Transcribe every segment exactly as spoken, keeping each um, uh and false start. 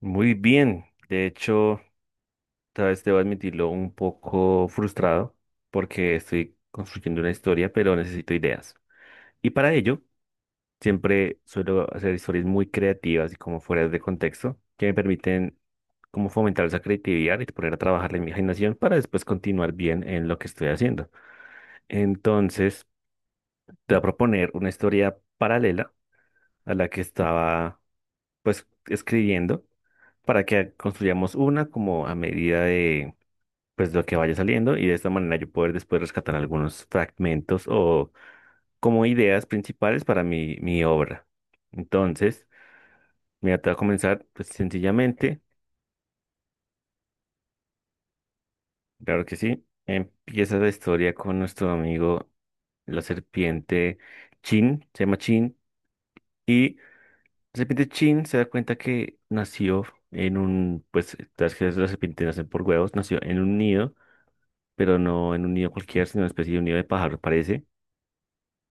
Muy bien, de hecho, tal vez debo admitirlo un poco frustrado porque estoy construyendo una historia, pero necesito ideas. Y para ello, siempre suelo hacer historias muy creativas y como fuera de contexto, que me permiten como fomentar esa creatividad y poner a trabajar la imaginación para después continuar bien en lo que estoy haciendo. Entonces, te voy a proponer una historia paralela a la que estaba pues escribiendo, para que construyamos una como a medida de pues lo que vaya saliendo, y de esta manera yo poder después rescatar algunos fragmentos o como ideas principales para mi, mi obra. Entonces, mira, te voy a comenzar pues sencillamente. Claro que sí, empieza la historia con nuestro amigo la serpiente Chin, se llama Chin, y la serpiente Chin se da cuenta que nació en un, pues, las que las serpientes nacen por huevos, nació en un nido, pero no en un nido cualquiera, sino una especie de un nido de pájaro. Parece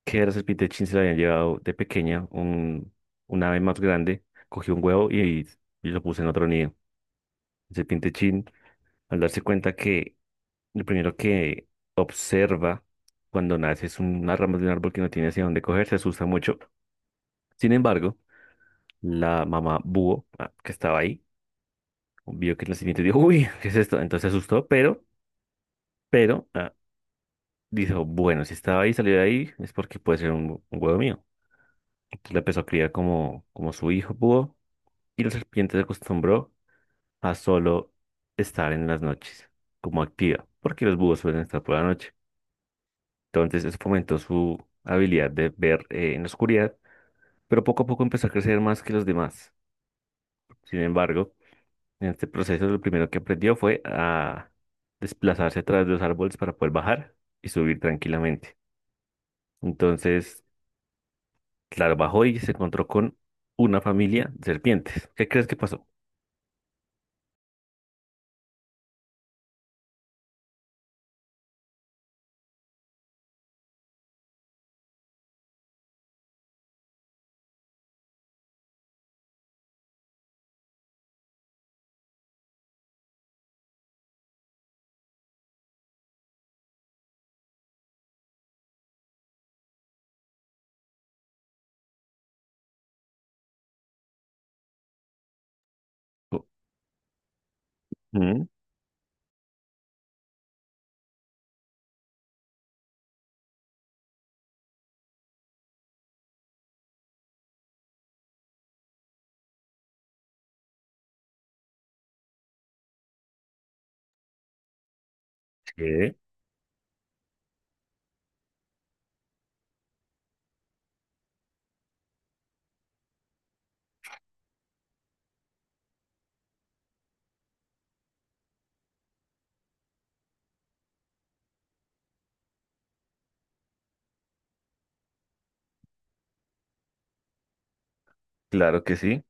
que a la serpiente se le habían llevado de pequeña, un, un, ave más grande cogió un huevo y, y lo puso en otro nido. El serpiente Chin, al darse cuenta que lo primero que observa cuando nace es una rama de un árbol que no tiene hacia dónde coger, se asusta mucho. Sin embargo, la mamá búho, ah, que estaba ahí, vio que el serpiente, dijo: "Uy, ¿qué es esto?". Entonces se asustó, pero, pero, ah, dijo: "Bueno, si estaba ahí, salió de ahí, es porque puede ser un, un, huevo mío". Entonces la empezó a criar como, como su hijo búho, y la serpiente se acostumbró a solo estar en las noches como activa, porque los búhos suelen estar por la noche. Entonces eso fomentó su habilidad de ver eh, en la oscuridad, pero poco a poco empezó a crecer más que los demás. Sin embargo, en este proceso lo primero que aprendió fue a desplazarse a través de los árboles para poder bajar y subir tranquilamente. Entonces, claro, bajó y se encontró con una familia de serpientes. ¿Qué crees que pasó? Ujú. Sí, claro que sí.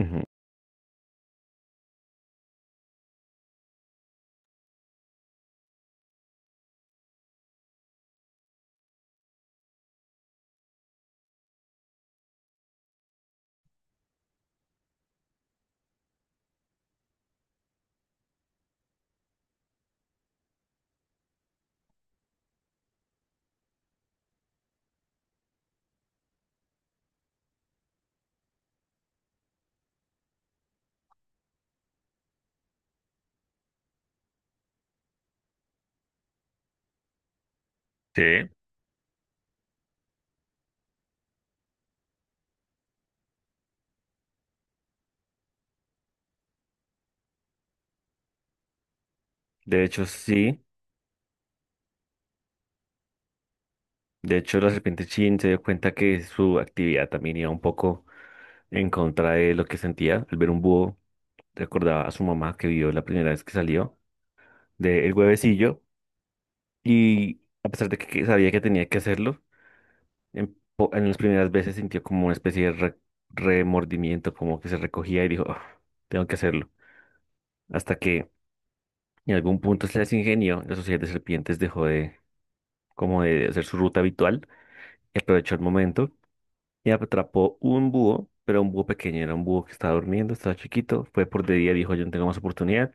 Ujú. Sí. De hecho, sí. De hecho, la serpiente Chin se dio cuenta que su actividad también iba un poco en contra de lo que sentía. Al ver un búho, recordaba a su mamá, que vio la primera vez que salió del huevecillo. Y a pesar de que que sabía que tenía que hacerlo, en, po- en las primeras veces sintió como una especie de re- remordimiento, como que se recogía y dijo: "Ah, tengo que hacerlo". Hasta que en algún punto se les ingenió: la sociedad de serpientes dejó de, como, de hacer su ruta habitual, y aprovechó el momento y atrapó un búho, pero un búho pequeño. Era un búho que estaba durmiendo, estaba chiquito, fue por de día, dijo: "Yo no tengo más oportunidad".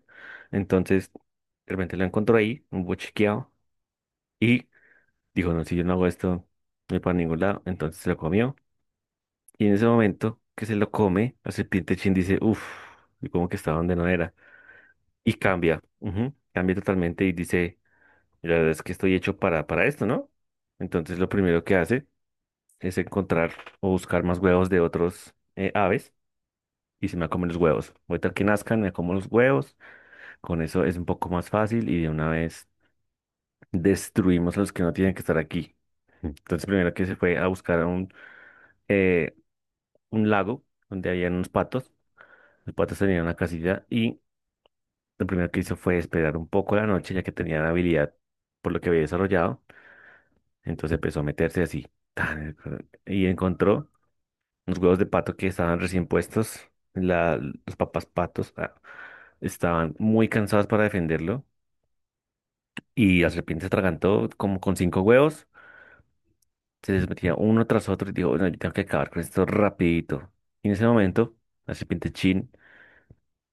Entonces, de repente lo encontró ahí, un búho chiqueado, y dijo: "No, si yo no hago esto, no voy para ningún lado". Entonces se lo comió, y en ese momento que se lo come, la serpiente Chin dice: "Uff", como que estaba donde no era, y cambia, ujú, cambia totalmente y dice: "La verdad es que estoy hecho para, para, esto, ¿no?". Entonces lo primero que hace es encontrar o buscar más huevos de otros, eh, aves, y se me va a comer los huevos. Ahorita que nazcan, me como los huevos. Con eso es un poco más fácil y de una vez destruimos a los que no tienen que estar aquí. Entonces, primero que se fue a buscar a un, eh, un lago donde había unos patos. Los patos tenían una casilla, y lo primero que hizo fue esperar un poco la noche, ya que tenía la habilidad por lo que había desarrollado. Entonces empezó a meterse así tan, y encontró unos huevos de pato que estaban recién puestos. La, los papás patos, ah, estaban muy cansados para defenderlo. Y la serpiente se atragantó como con cinco huevos, se les metía uno tras otro, y dijo: "No, yo tengo que acabar con esto rapidito". Y en ese momento, la serpiente Chin,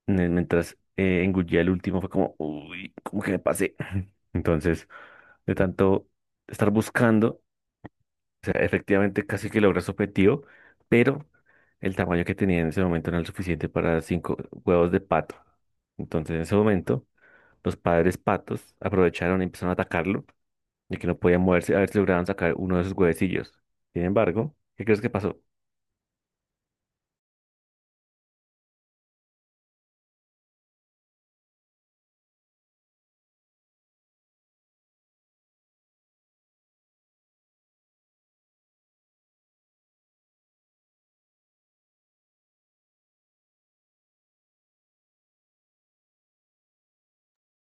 eh, mientras eh, engullía el último, fue como: "Uy, ¿cómo que me pasé?". Entonces, de tanto estar buscando, o sea, efectivamente casi que logra su objetivo, pero el tamaño que tenía en ese momento no era el suficiente para cinco huevos de pato. Entonces, en ese momento, los padres patos aprovecharon y empezaron a atacarlo, y que no podía moverse, a ver si lograban sacar uno de sus huevecillos. Sin embargo, ¿qué crees que pasó?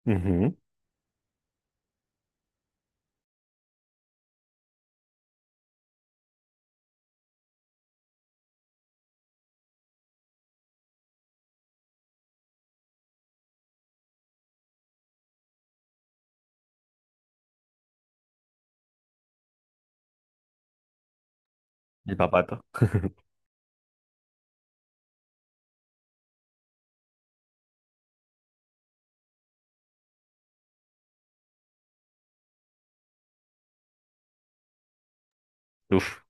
Ujú. El papato. Uf.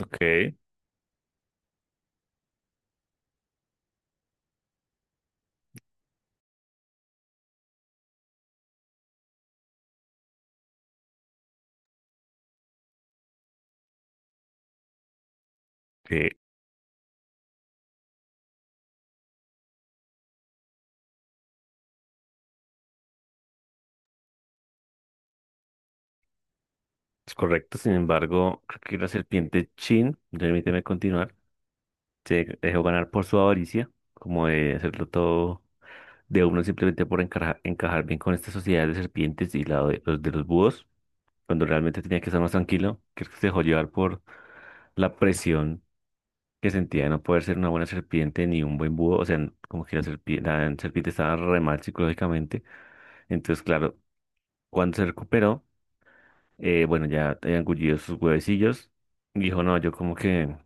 Ok. Sí, es correcto. Sin embargo, creo que la serpiente Chin, permíteme continuar, se dejó ganar por su avaricia, como de hacerlo todo de uno, simplemente por encajar, encajar bien con esta sociedad de serpientes y la de los de los búhos, cuando realmente tenía que estar más tranquilo. Creo que se dejó llevar por la presión, que sentía no poder ser una buena serpiente ni un buen búho. O sea, n- como que la serpiente, la serpiente estaba re mal psicológicamente. Entonces, claro, cuando se recuperó, eh, bueno, ya había engullido sus huevecillos, y dijo: "No, yo como que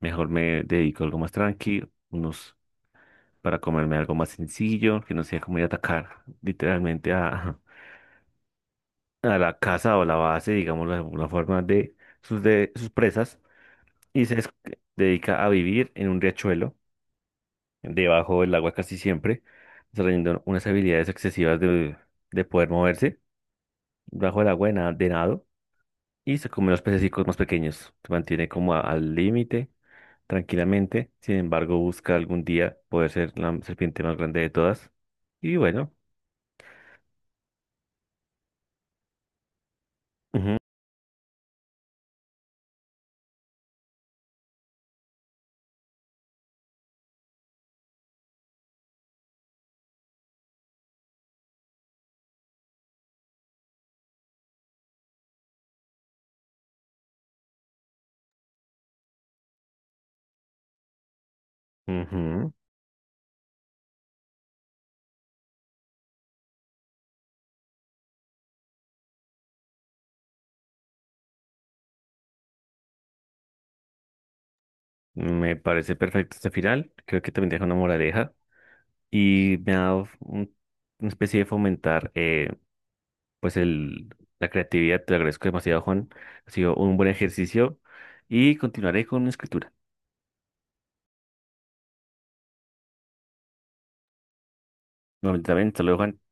mejor me dedico a algo más tranquilo, unos, para comerme algo más sencillo, que no sea como ir a atacar literalmente a, a la casa o la base, digamos, de alguna forma, de sus, de sus, presas". Y se es- dedica a vivir en un riachuelo, debajo del agua casi siempre, desarrollando unas habilidades excesivas de, de poder moverse bajo el agua, de, na- de nado, y se come los pececicos más pequeños. Se mantiene como a- al límite, tranquilamente. Sin embargo, busca algún día poder ser la serpiente más grande de todas. Y bueno. Ujú. Ujú. Me parece perfecto este final. Creo que también deja una moraleja y me ha dado un- una especie de fomentar, eh, pues el, la creatividad. Te lo agradezco demasiado, Juan. Ha sido un buen ejercicio y continuaré con la escritura. Nuevamente también, hasta luego, Juan.